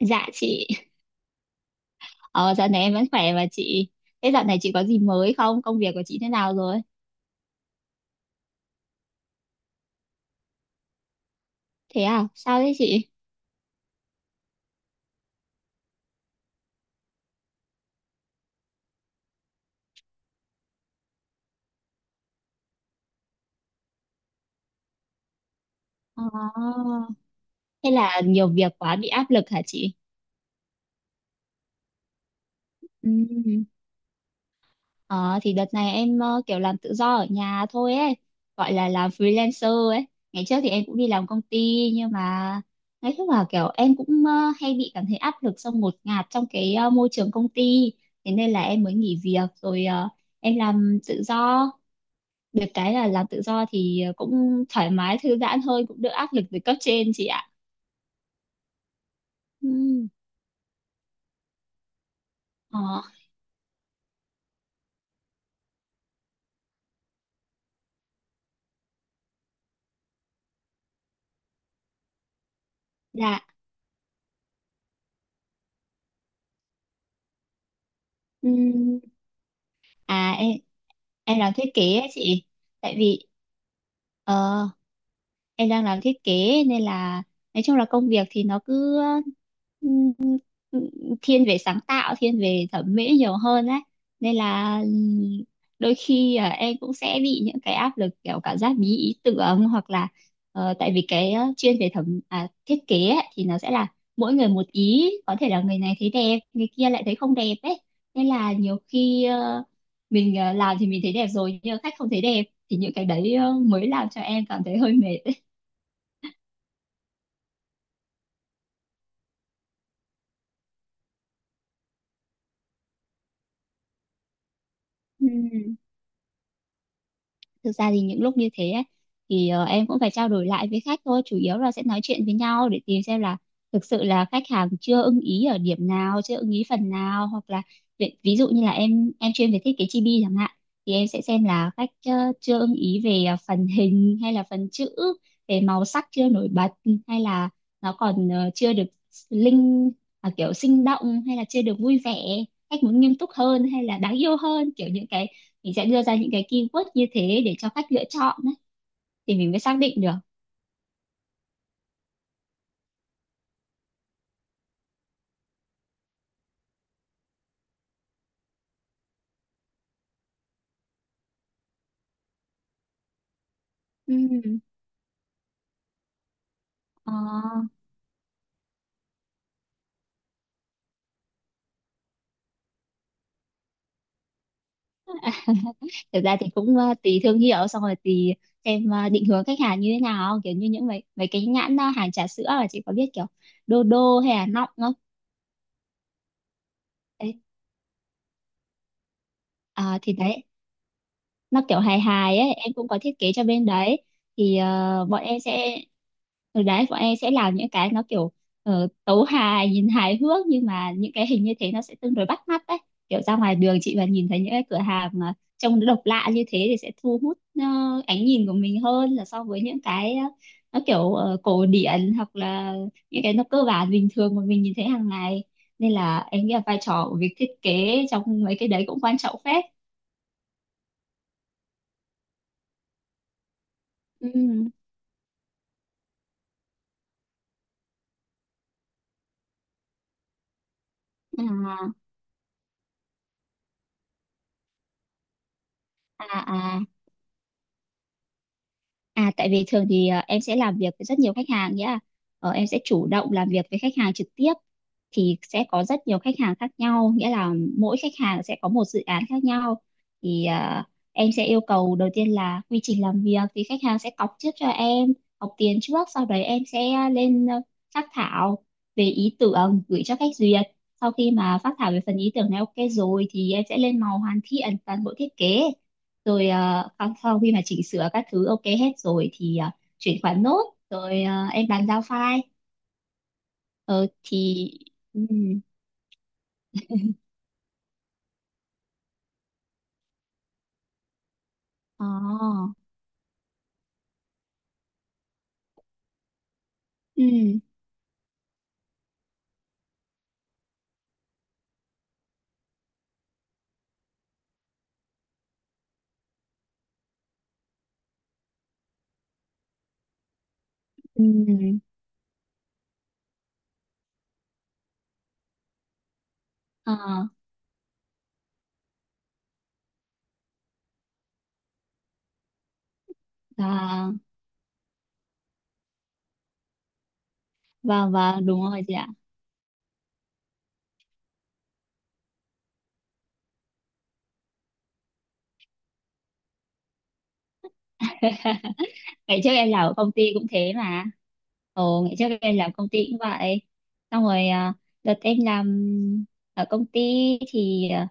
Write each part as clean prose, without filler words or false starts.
Dạ chị, ờ, dạo này em vẫn khỏe mà chị. Thế dạo này chị có gì mới không? Công việc của chị thế nào rồi? Thế à, sao thế chị? Ờ, Thế là nhiều việc quá bị áp lực hả chị? Ừ. Ờ, thì đợt này em kiểu làm tự do ở nhà thôi ấy, gọi là làm freelancer ấy. Ngày trước thì em cũng đi làm công ty, nhưng mà nói chung là kiểu em cũng hay bị cảm thấy áp lực, xong ngột ngạt trong cái môi trường công ty. Thế nên là em mới nghỉ việc, rồi em làm tự do. Được cái là làm tự do thì cũng thoải mái thư giãn hơn, cũng đỡ áp lực từ cấp trên, chị ạ. Ừm. Ờ. Dạ. Ừm. À, em làm thiết kế ấy chị. Tại vì ờ em đang làm thiết kế, nên là nói chung là công việc thì nó cứ ừm, thiên về sáng tạo, thiên về thẩm mỹ nhiều hơn đấy. Nên là đôi khi em cũng sẽ bị những cái áp lực kiểu cảm giác bí ý tưởng, hoặc là tại vì cái chuyên về thiết kế ấy, thì nó sẽ là mỗi người một ý, có thể là người này thấy đẹp, người kia lại thấy không đẹp ấy. Nên là nhiều khi mình làm thì mình thấy đẹp rồi nhưng mà khách không thấy đẹp, thì những cái đấy mới làm cho em cảm thấy hơi mệt. Ừ. Thực ra thì những lúc như thế ấy, thì em cũng phải trao đổi lại với khách thôi, chủ yếu là sẽ nói chuyện với nhau để tìm xem là thực sự là khách hàng chưa ưng ý ở điểm nào, chưa ưng ý phần nào, hoặc là ví dụ như là em chuyên về thiết kế chibi chẳng hạn, thì em sẽ xem là khách chưa ưng ý về phần hình hay là phần chữ, về màu sắc chưa nổi bật, hay là nó còn chưa được linh kiểu sinh động, hay là chưa được vui vẻ, khách muốn nghiêm túc hơn hay là đáng yêu hơn, kiểu những cái mình sẽ đưa ra những cái keyword như thế để cho khách lựa chọn ấy, thì mình mới xác định được. Ừ. Ờ. Thực ra thì cũng tùy thương hiệu, xong rồi tùy xem định hướng khách hàng như thế nào, kiểu như những mấy mấy cái nhãn hàng trà sữa. Là chị có biết kiểu đô đô hay là nọng không? Đấy. À, thì đấy, nó kiểu hài hài ấy, em cũng có thiết kế cho bên đấy, thì bọn em sẽ làm những cái nó kiểu tấu hài, nhìn hài hước, nhưng mà những cái hình như thế nó sẽ tương đối bắt mắt đấy. Kiểu ra ngoài đường chị mà nhìn thấy những cái cửa hàng mà trông nó độc lạ như thế thì sẽ thu hút ánh nhìn của mình hơn là so với những cái nó kiểu cổ điển, hoặc là những cái nó cơ bản bình thường mà mình nhìn thấy hàng ngày. Nên là em nghĩ là vai trò của việc thiết kế trong mấy cái đấy cũng quan trọng phết. Ừ. À, à, à. À, tại vì thường thì em sẽ làm việc với rất nhiều khách hàng nhá. Em sẽ chủ động làm việc với khách hàng trực tiếp, thì sẽ có rất nhiều khách hàng khác nhau, nghĩa là mỗi khách hàng sẽ có một dự án khác nhau. Thì em sẽ yêu cầu đầu tiên là quy trình làm việc thì khách hàng sẽ cọc trước cho em, cọc tiền trước, sau đấy em sẽ lên phác thảo về ý tưởng gửi cho khách duyệt. Sau khi mà phác thảo về phần ý tưởng này ok rồi thì em sẽ lên màu hoàn thiện toàn bộ thiết kế, rồi sau khi mà chỉnh sửa các thứ ok hết rồi thì chuyển khoản nốt, rồi em bàn giao file. Ờ. Thì ừ. Ờ. Ừ. Ừ. Ờ. và và Đúng rồi chị ạ. Ngày trước em làm ở công ty cũng thế mà. Ồ, ngày trước em làm công ty cũng vậy, xong rồi đợt em làm ở công ty thì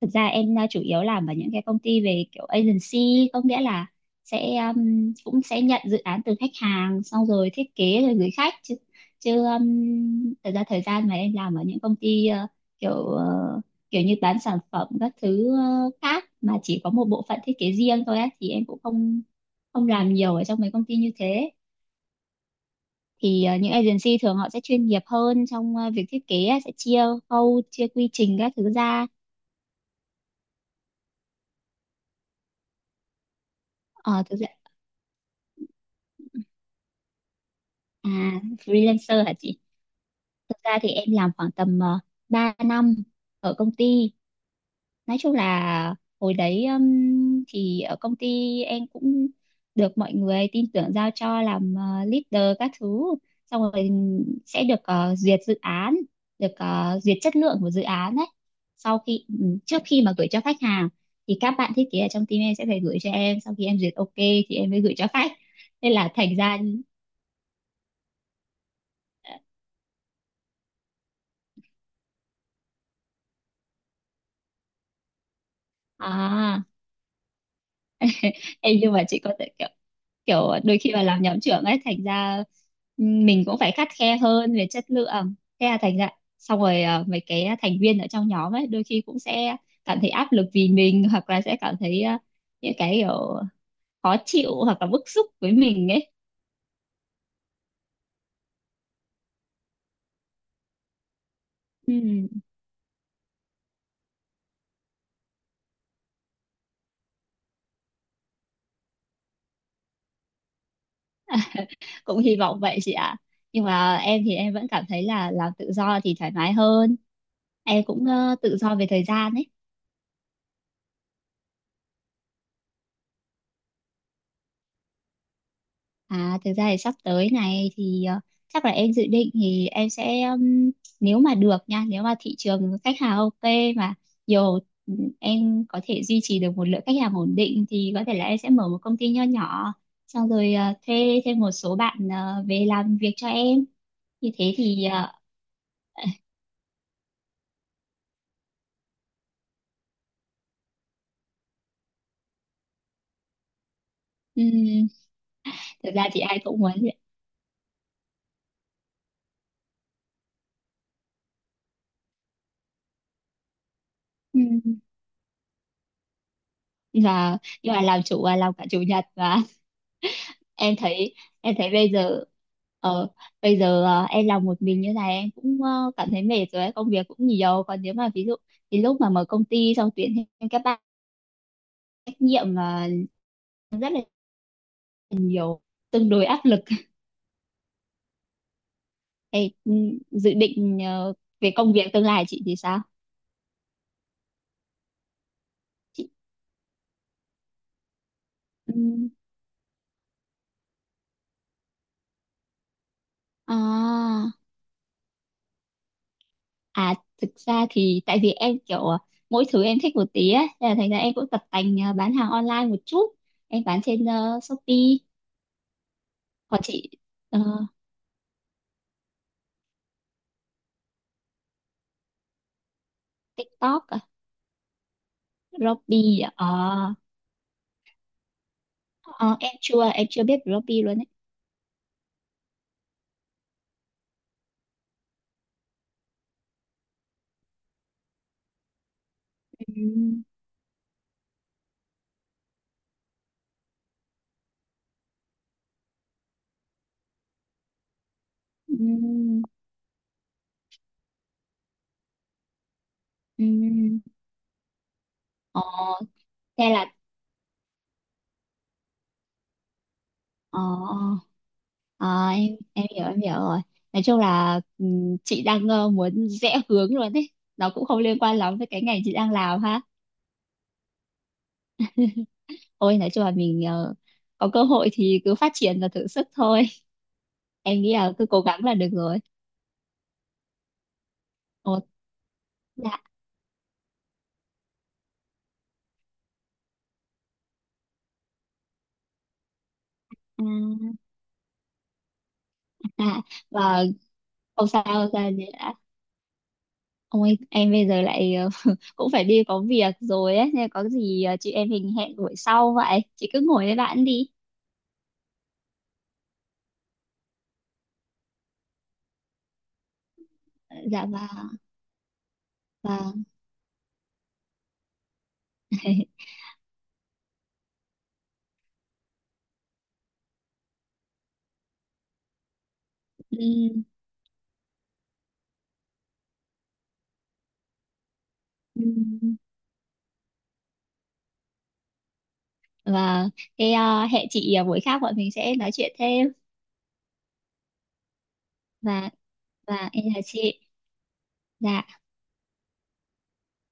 thực ra em chủ yếu làm ở những cái công ty về kiểu agency, có nghĩa là sẽ cũng sẽ nhận dự án từ khách hàng xong rồi thiết kế rồi gửi khách chứ. Thực ra thời gian mà em làm ở những công ty kiểu kiểu như bán sản phẩm các thứ khác, mà chỉ có một bộ phận thiết kế riêng thôi á, thì em cũng không ông làm nhiều ở trong mấy công ty như thế. Thì những agency thường họ sẽ chuyên nghiệp hơn trong việc thiết kế á, sẽ chia khâu, chia quy trình các thứ ra. Ờ, Thực ra à freelancer hả chị? Thực ra thì em làm khoảng tầm 3 năm ở công ty. Nói chung là hồi đấy thì ở công ty em cũng được mọi người tin tưởng giao cho làm leader các thứ, xong rồi sẽ được duyệt dự án, được duyệt chất lượng của dự án đấy, trước khi mà gửi cho khách hàng thì các bạn thiết kế ở trong team em sẽ phải gửi cho em, sau khi em duyệt ok thì em mới gửi cho khách, nên là thành ra. ờ, à Ê, nhưng mà chị có thể kiểu, đôi khi mà làm nhóm trưởng ấy thành ra. Ừ, mình cũng phải khắt khe hơn về chất lượng. À, thế là thành ra, xong rồi mấy cái thành viên ở trong nhóm ấy đôi khi cũng sẽ cảm thấy áp lực vì mình, hoặc là sẽ cảm thấy những cái kiểu khó chịu hoặc là bức xúc với mình ấy. Ừ, cũng hy vọng vậy chị ạ. Nhưng mà em thì em vẫn cảm thấy là làm tự do thì thoải mái hơn. Em cũng tự do về thời gian ấy. À, thực ra thì sắp tới này thì chắc là em dự định thì em sẽ, nếu mà được nha, nếu mà thị trường khách hàng ok mà nhiều, em có thể duy trì được một lượng khách hàng ổn định thì có thể là em sẽ mở một công ty nho nhỏ, xong rồi thuê thêm một số bạn về làm việc cho em. Như thế thì ừm, thực ra thì ai cũng muốn vậy. và nhưng mà làm chủ là làm cả chủ nhật mà. Em thấy em thấy ờ, em làm một mình như này em cũng cảm thấy mệt rồi ấy, công việc cũng nhiều. Còn nếu mà ví dụ thì lúc mà mở công ty xong tuyển thêm các bạn, trách nhiệm là rất là nhiều, tương đối áp lực. em ừ, Dự định về công việc tương lai chị thì sao? Chị. Ừm. À, à, thực ra thì tại vì em kiểu mỗi thứ em thích một tí ấy, thế là thành ra em cũng tập tành bán hàng online một chút. Em bán trên Shopee. Còn chị ờ, TikTok à? Robby à? Ờ, ờ, em chưa biết Robby luôn ấy. Ừ, ừ, ừ. Ờ, Thế là ờ, ờ, em hiểu rồi. Nói chung là chị đang muốn rẽ hướng luôn đấy. Nó cũng không liên quan lắm với cái ngành chị đang làm ha. Ôi, nói chung là mình có cơ hội thì cứ phát triển và thử sức thôi. Em nghĩ là cứ cố gắng là được rồi. Ồ. Dạ. À, à, à. và Không sao, không sao. Ôi, em bây giờ lại cũng phải đi có việc rồi ấy, nên có gì chị em mình hẹn buổi sau vậy. Chị cứ ngồi với bạn đi. Ờ. Dạ. Và Ừ, ừ. và Thế hẹn chị buổi khác bọn mình sẽ nói chuyện thêm. Và và em là chị. Dạ.